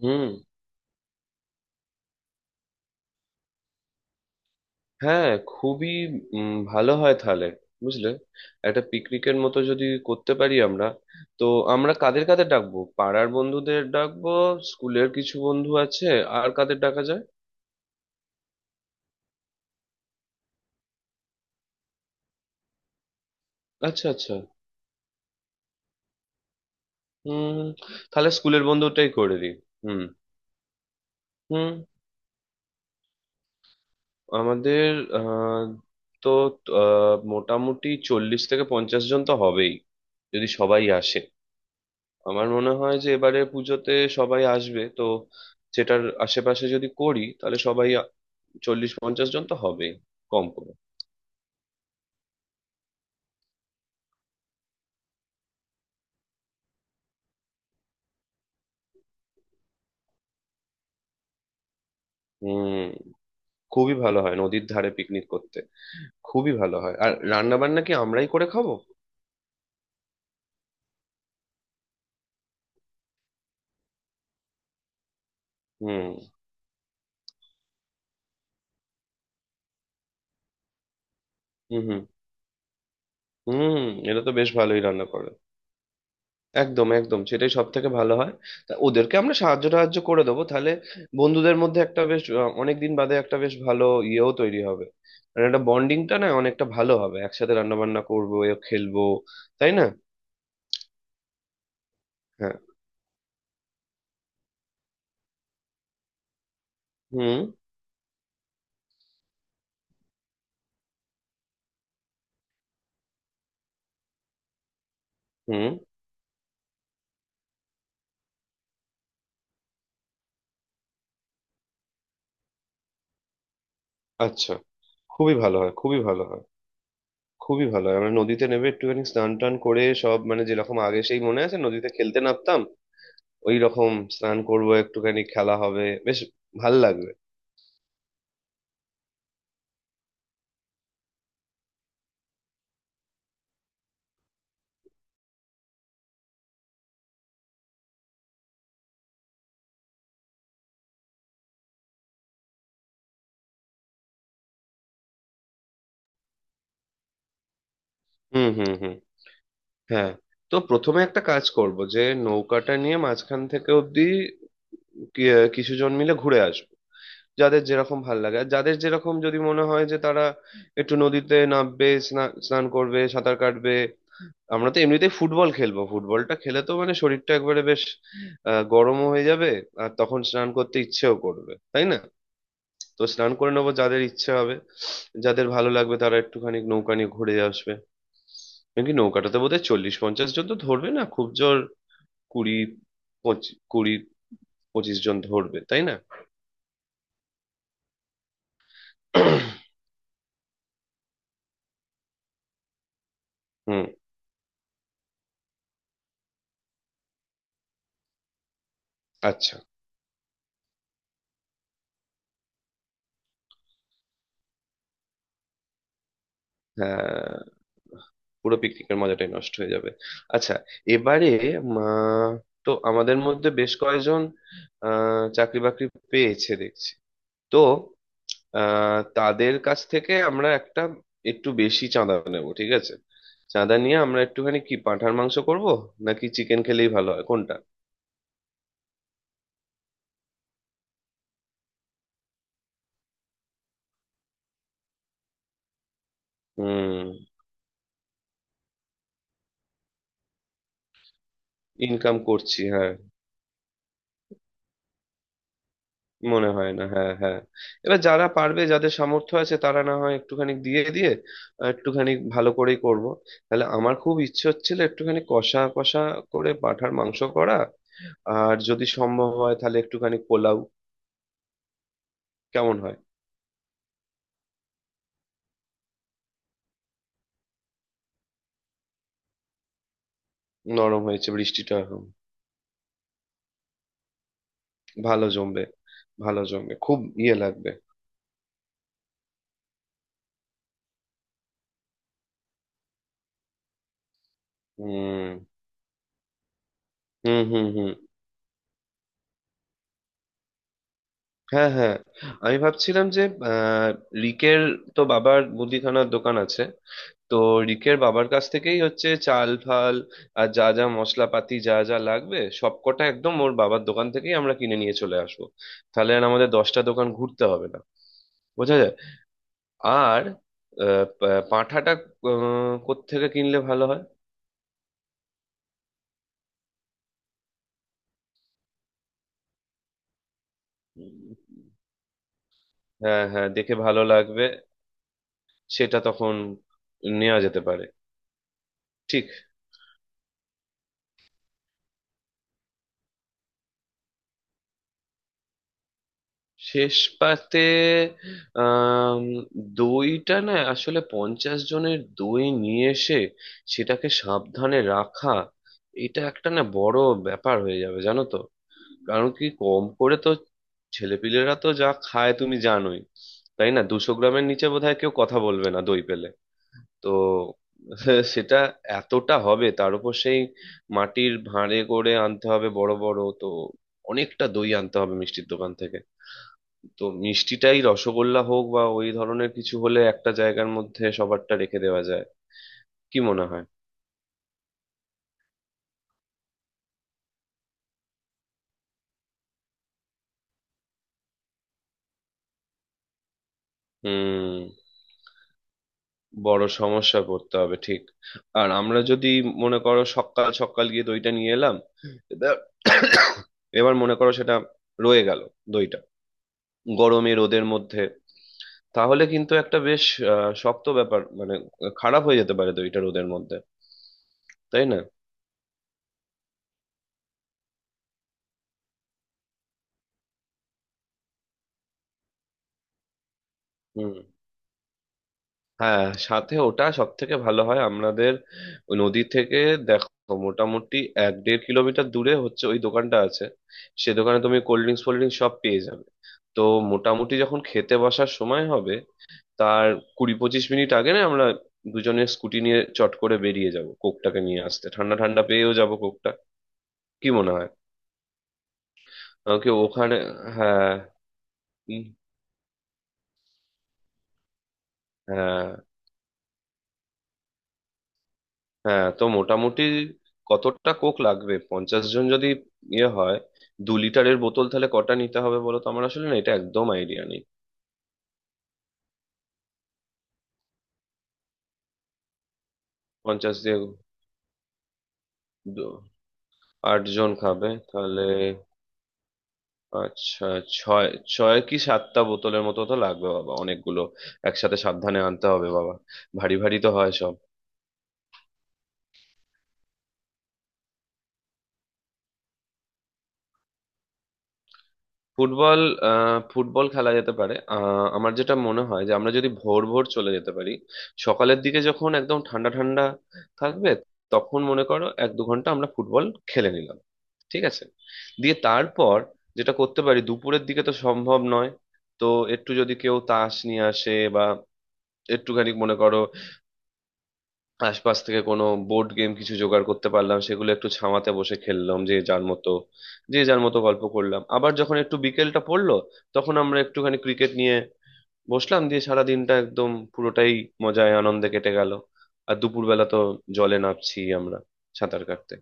হুম। হ্যাঁ, খুবই ভালো হয় তাহলে। বুঝলে, একটা পিকনিকের মতো যদি করতে পারি আমরা। তো আমরা কাদের কাদের ডাকবো? পাড়ার বন্ধুদের ডাকবো, স্কুলের কিছু বন্ধু আছে, আর কাদের ডাকা যায়? আচ্ছা, আচ্ছা। হুম। তাহলে স্কুলের বন্ধুটাই করে দিই। হুম। হুম। আমাদের আহ, তো মোটামুটি 40 থেকে 50 জন তো হবেই, যদি সবাই আসে। আমার মনে হয় যে এবারে পুজোতে সবাই আসবে তো। সেটার আশেপাশে যদি করি তাহলে সবাই 40-50 জন তো হবে কম করে। হুম। খুবই ভালো হয় নদীর ধারে পিকনিক করতে। খুবই ভালো হয়। আর রান্না বান্না কি আমরাই করে খাবো? হুম। হুম। হুম। হুম। এরা তো বেশ ভালোই রান্না করে। একদম, একদম, সেটাই সব থেকে ভালো হয়। তা ওদেরকে আমরা সাহায্য টাহায্য করে দেবো তাহলে। বন্ধুদের মধ্যে একটা বেশ, অনেক দিন বাদে একটা বেশ ভালো ইয়েও তৈরি হবে। মানে একটা বন্ডিংটা না অনেকটা ভালো হবে, একসাথে রান্না বান্না করবো এ খেলবো, তাই না? হ্যাঁ। হুম। হুম। আচ্ছা। খুবই ভালো হয়, খুবই ভালো হয়। খুবই ভালো হয়, আমরা নদীতে নেবে একটুখানি স্নান টান করে সব, মানে যেরকম আগে সেই মনে আছে নদীতে খেলতে নামতাম, ওই রকম স্নান করবো। একটুখানি খেলা হবে বেশ, ভাল লাগবে। হুম। হুম। হুম। হ্যাঁ। তো প্রথমে একটা কাজ করব যে, নৌকাটা নিয়ে মাঝখান থেকে অব্দি কিছুজন মিলে ঘুরে আসবো। যাদের যেরকম ভাল লাগে, আর যাদের যেরকম যদি মনে হয় যে তারা একটু নদীতে নামবে, স্নান করবে, সাঁতার কাটবে। আমরা তো এমনিতেই ফুটবল খেলবো। ফুটবলটা খেলে তো মানে শরীরটা একবারে বেশ গরমও হয়ে যাবে, আর তখন স্নান করতে ইচ্ছেও করবে, তাই না? তো স্নান করে নেবো যাদের ইচ্ছে হবে। যাদের ভালো লাগবে তারা একটুখানি নৌকা নিয়ে ঘুরে আসবে। নাকি নৌকাটাতে বোধহয় 40-50 জন তো ধরবে না, খুব জোর 20-25, 20-25 জন ধরবে, তাই না? হুম। আচ্ছা। হ্যাঁ, পুরো পিকনিকের মজাটাই নষ্ট হয়ে যাবে। আচ্ছা, এবারে, মা, তো আমাদের মধ্যে বেশ কয়েকজন চাকরি বাকরি পেয়েছে দেখছি। তো তাদের কাছ থেকে আমরা একটা, একটু বেশি চাঁদা নেব, ঠিক আছে? চাঁদা নিয়ে আমরা একটুখানি কি পাঁঠার মাংস করব নাকি চিকেন খেলেই ভালো হয়, কোনটা? হুম। ইনকাম করছি, হ্যাঁ। মনে হয় না, হ্যাঁ, হ্যাঁ। এবার যারা পারবে, যাদের সামর্থ্য আছে তারা না হয় একটুখানি দিয়ে দিয়ে একটুখানি ভালো করেই করব। তাহলে আমার খুব ইচ্ছে হচ্ছিল একটুখানি কষা কষা করে পাঁঠার মাংস করা, আর যদি সম্ভব হয় তাহলে একটুখানি পোলাও। কেমন হয়? নরম হয়েছে বৃষ্টিটা এখন। ভালো জমবে। ভালো জমবে, খুব ইয়ে লাগবে। হুম। হুম। হুম। হুম। হ্যাঁ। হ্যাঁ। আমি ভাবছিলাম যে আহ, রিকের তো বাবার মুদিখানার দোকান আছে। তো রিকের বাবার কাছ থেকেই হচ্ছে চাল ফাল আর যা যা মশলাপাতি যা যা লাগবে সবকটা একদম ওর বাবার দোকান থেকেই আমরা কিনে নিয়ে চলে আসবো। তাহলে আর আমাদের 10টা দোকান ঘুরতে হবে না, বোঝা যায়। আর পাঁঠাটা কোত্থেকে কিনলে ভালো হয়? উম, হ্যাঁ, হ্যাঁ, দেখে ভালো লাগবে। সেটা তখন নেওয়া যেতে পারে। ঠিক। শেষ পাতে, আম, দইটা না আসলে 50 জনের দই নিয়ে এসে সেটাকে সাবধানে রাখা, এটা একটা না বড় ব্যাপার হয়ে যাবে, জানো তো। কারণ কি, কম করে তো, ছেলেপিলেরা তো যা খায় তুমি জানোই, তাই না? 200 গ্রামের নিচে বোধহয় কেউ কথা বলবে না দই পেলে। তো সেটা এতটা হবে, তার উপর সেই মাটির ভাঁড়ে করে আনতে হবে, বড় বড় তো অনেকটা দই আনতে হবে মিষ্টির দোকান থেকে। তো মিষ্টিটাই রসগোল্লা হোক বা ওই ধরনের কিছু হলে একটা জায়গার মধ্যে সবারটা রেখে দেওয়া যায়। কি মনে হয়? হুম। বড় সমস্যা করতে হবে, ঠিক। আর আমরা যদি মনে করো সকাল সকাল গিয়ে দইটা নিয়ে এলাম, এবার, এবার মনে করো সেটা রয়ে গেল দইটা গরমে রোদের মধ্যে, তাহলে কিন্তু একটা বেশ শক্ত ব্যাপার, মানে খারাপ হয়ে যেতে পারে দইটা রোদের মধ্যে, তাই না? হুম। হ্যাঁ, সাথে ওটা সব থেকে ভালো হয় আমাদের। ওই নদী থেকে, দেখো, মোটামুটি 1-1.5 কিলোমিটার দূরে হচ্ছে ওই দোকানটা আছে। সে দোকানে তুমি কোল্ড ড্রিঙ্কস ফোল্ড ড্রিঙ্কস সব পেয়ে যাবে। তো মোটামুটি যখন খেতে বসার সময় হবে, তার 20-25 মিনিট আগে না আমরা দুজনে স্কুটি নিয়ে চট করে বেরিয়ে যাব কোকটাকে নিয়ে আসতে, ঠান্ডা ঠান্ডা পেয়েও যাব কোকটা। কি মনে হয়? কি ওখানে? হ্যাঁ। উম, হ্যাঁ, হ্যাঁ। তো মোটামুটি কতটা কোক লাগবে? 50 জন যদি ইয়ে হয়, 2 লিটারের বোতল তাহলে কটা নিতে হবে বলো তো? আমার আসলে না এটা একদম আইডিয়া নেই। পঞ্চাশ দিয়ে দু- আট জন খাবে তাহলে। আচ্ছা। ছয়, ছয় কি সাতটা বোতলের মতো তো লাগবে, বাবা অনেকগুলো। একসাথে সাবধানে আনতে হবে, বাবা, ভারী ভারী তো হয় সব। ফুটবল, ফুটবল খেলা যেতে পারে। আমার যেটা মনে হয় যে আমরা যদি ভোর ভোর চলে যেতে পারি সকালের দিকে যখন একদম ঠান্ডা ঠান্ডা থাকবে, তখন মনে করো 1-2 ঘন্টা আমরা ফুটবল খেলে নিলাম, ঠিক আছে? দিয়ে তারপর যেটা করতে পারি, দুপুরের দিকে তো সম্ভব নয়, তো একটু যদি কেউ তাস নিয়ে আসে বা একটুখানি মনে করো আশপাশ থেকে কোনো বোর্ড গেম কিছু জোগাড় করতে পারলাম, সেগুলো একটু ছামাতে বসে খেললাম যে যার মতো, যে যার মতো গল্প করলাম। আবার যখন একটু বিকেলটা পড়লো তখন আমরা একটুখানি ক্রিকেট নিয়ে বসলাম, দিয়ে সারা দিনটা একদম পুরোটাই মজায় আনন্দে কেটে গেল। আর দুপুরবেলা তো জলে নামছি আমরা সাঁতার কাটতে।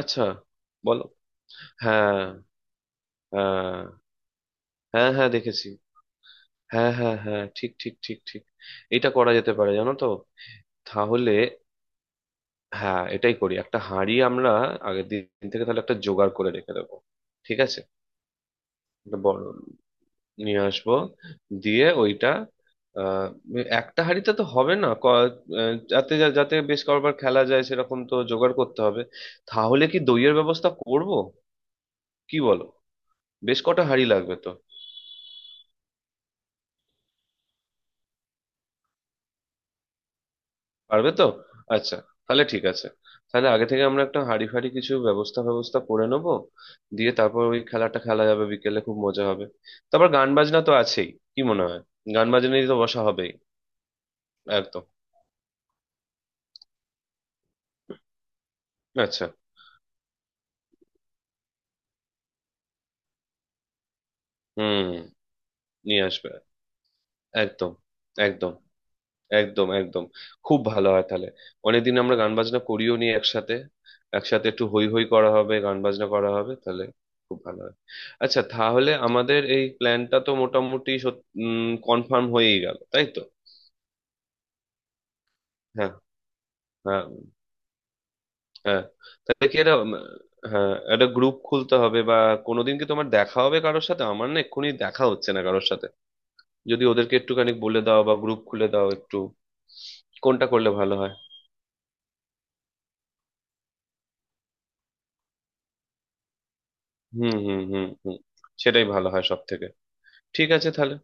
আচ্ছা, বলো, হ্যাঁ। হ্যাঁ, হ্যাঁ, হ্যাঁ দেখেছি, হ্যাঁ, হ্যাঁ, হ্যাঁ, ঠিক, ঠিক, ঠিক, ঠিক। এটা করা যেতে পারে, জানো তো। তাহলে হ্যাঁ, এটাই করি। একটা হাঁড়ি আমরা আগের দিন থেকে তাহলে একটা জোগাড় করে রেখে দেবো, ঠিক আছে? একটা বড় নিয়ে আসবো। দিয়ে ওইটা আহ, একটা হাঁড়িতে তো হবে না, ক- আহ, যাতে যা- যাতে বেশ কয়েকবার খেলা যায় সেরকম তো জোগাড় করতে হবে। তাহলে কি দইয়ের ব্যবস্থা করব, কি বলো? বেশ কটা হাঁড়ি লাগবে তো। পারবে তো? আচ্ছা, তাহলে ঠিক আছে। তাহলে আগে থেকে আমরা একটা হাঁড়ি ফাঁড়ি কিছু ব্যবস্থা ব্যবস্থা করে নেবো। দিয়ে তারপর ওই খেলাটা খেলা যাবে বিকেলে, খুব মজা হবে। তারপর গান বাজনা তো আছেই, কি মনে হয়? গান বাজনা নিয়ে তো বসা হবেই। একদম। আচ্ছা। হুম। নিয়ে আসবে। একদম, একদম, একদম, একদম। খুব ভালো হয় তাহলে। অনেকদিন আমরা গান বাজনা করিও নি একসাথে। একসাথে একটু হই হই করা হবে, গান বাজনা করা হবে তাহলে, খুব ভালো হয়। আচ্ছা, তাহলে আমাদের এই প্ল্যানটা তো মোটামুটি কনফার্ম হয়েই গেল, তাই তো? হ্যাঁ, হ্যাঁ, হ্যাঁ। তাহলে কি এটা হ্যাঁ, একটা গ্রুপ খুলতে হবে? বা কোনোদিন কি তোমার দেখা হবে কারোর সাথে? আমার না এক্ষুনি দেখা হচ্ছে না কারোর সাথে। যদি ওদেরকে একটুখানি বলে দাও বা গ্রুপ খুলে দাও একটু, কোনটা করলে ভালো হয়? হুম, হুম, হুম, হুম, সেটাই ভালো হয় সব থেকে। ঠিক আছে তাহলে।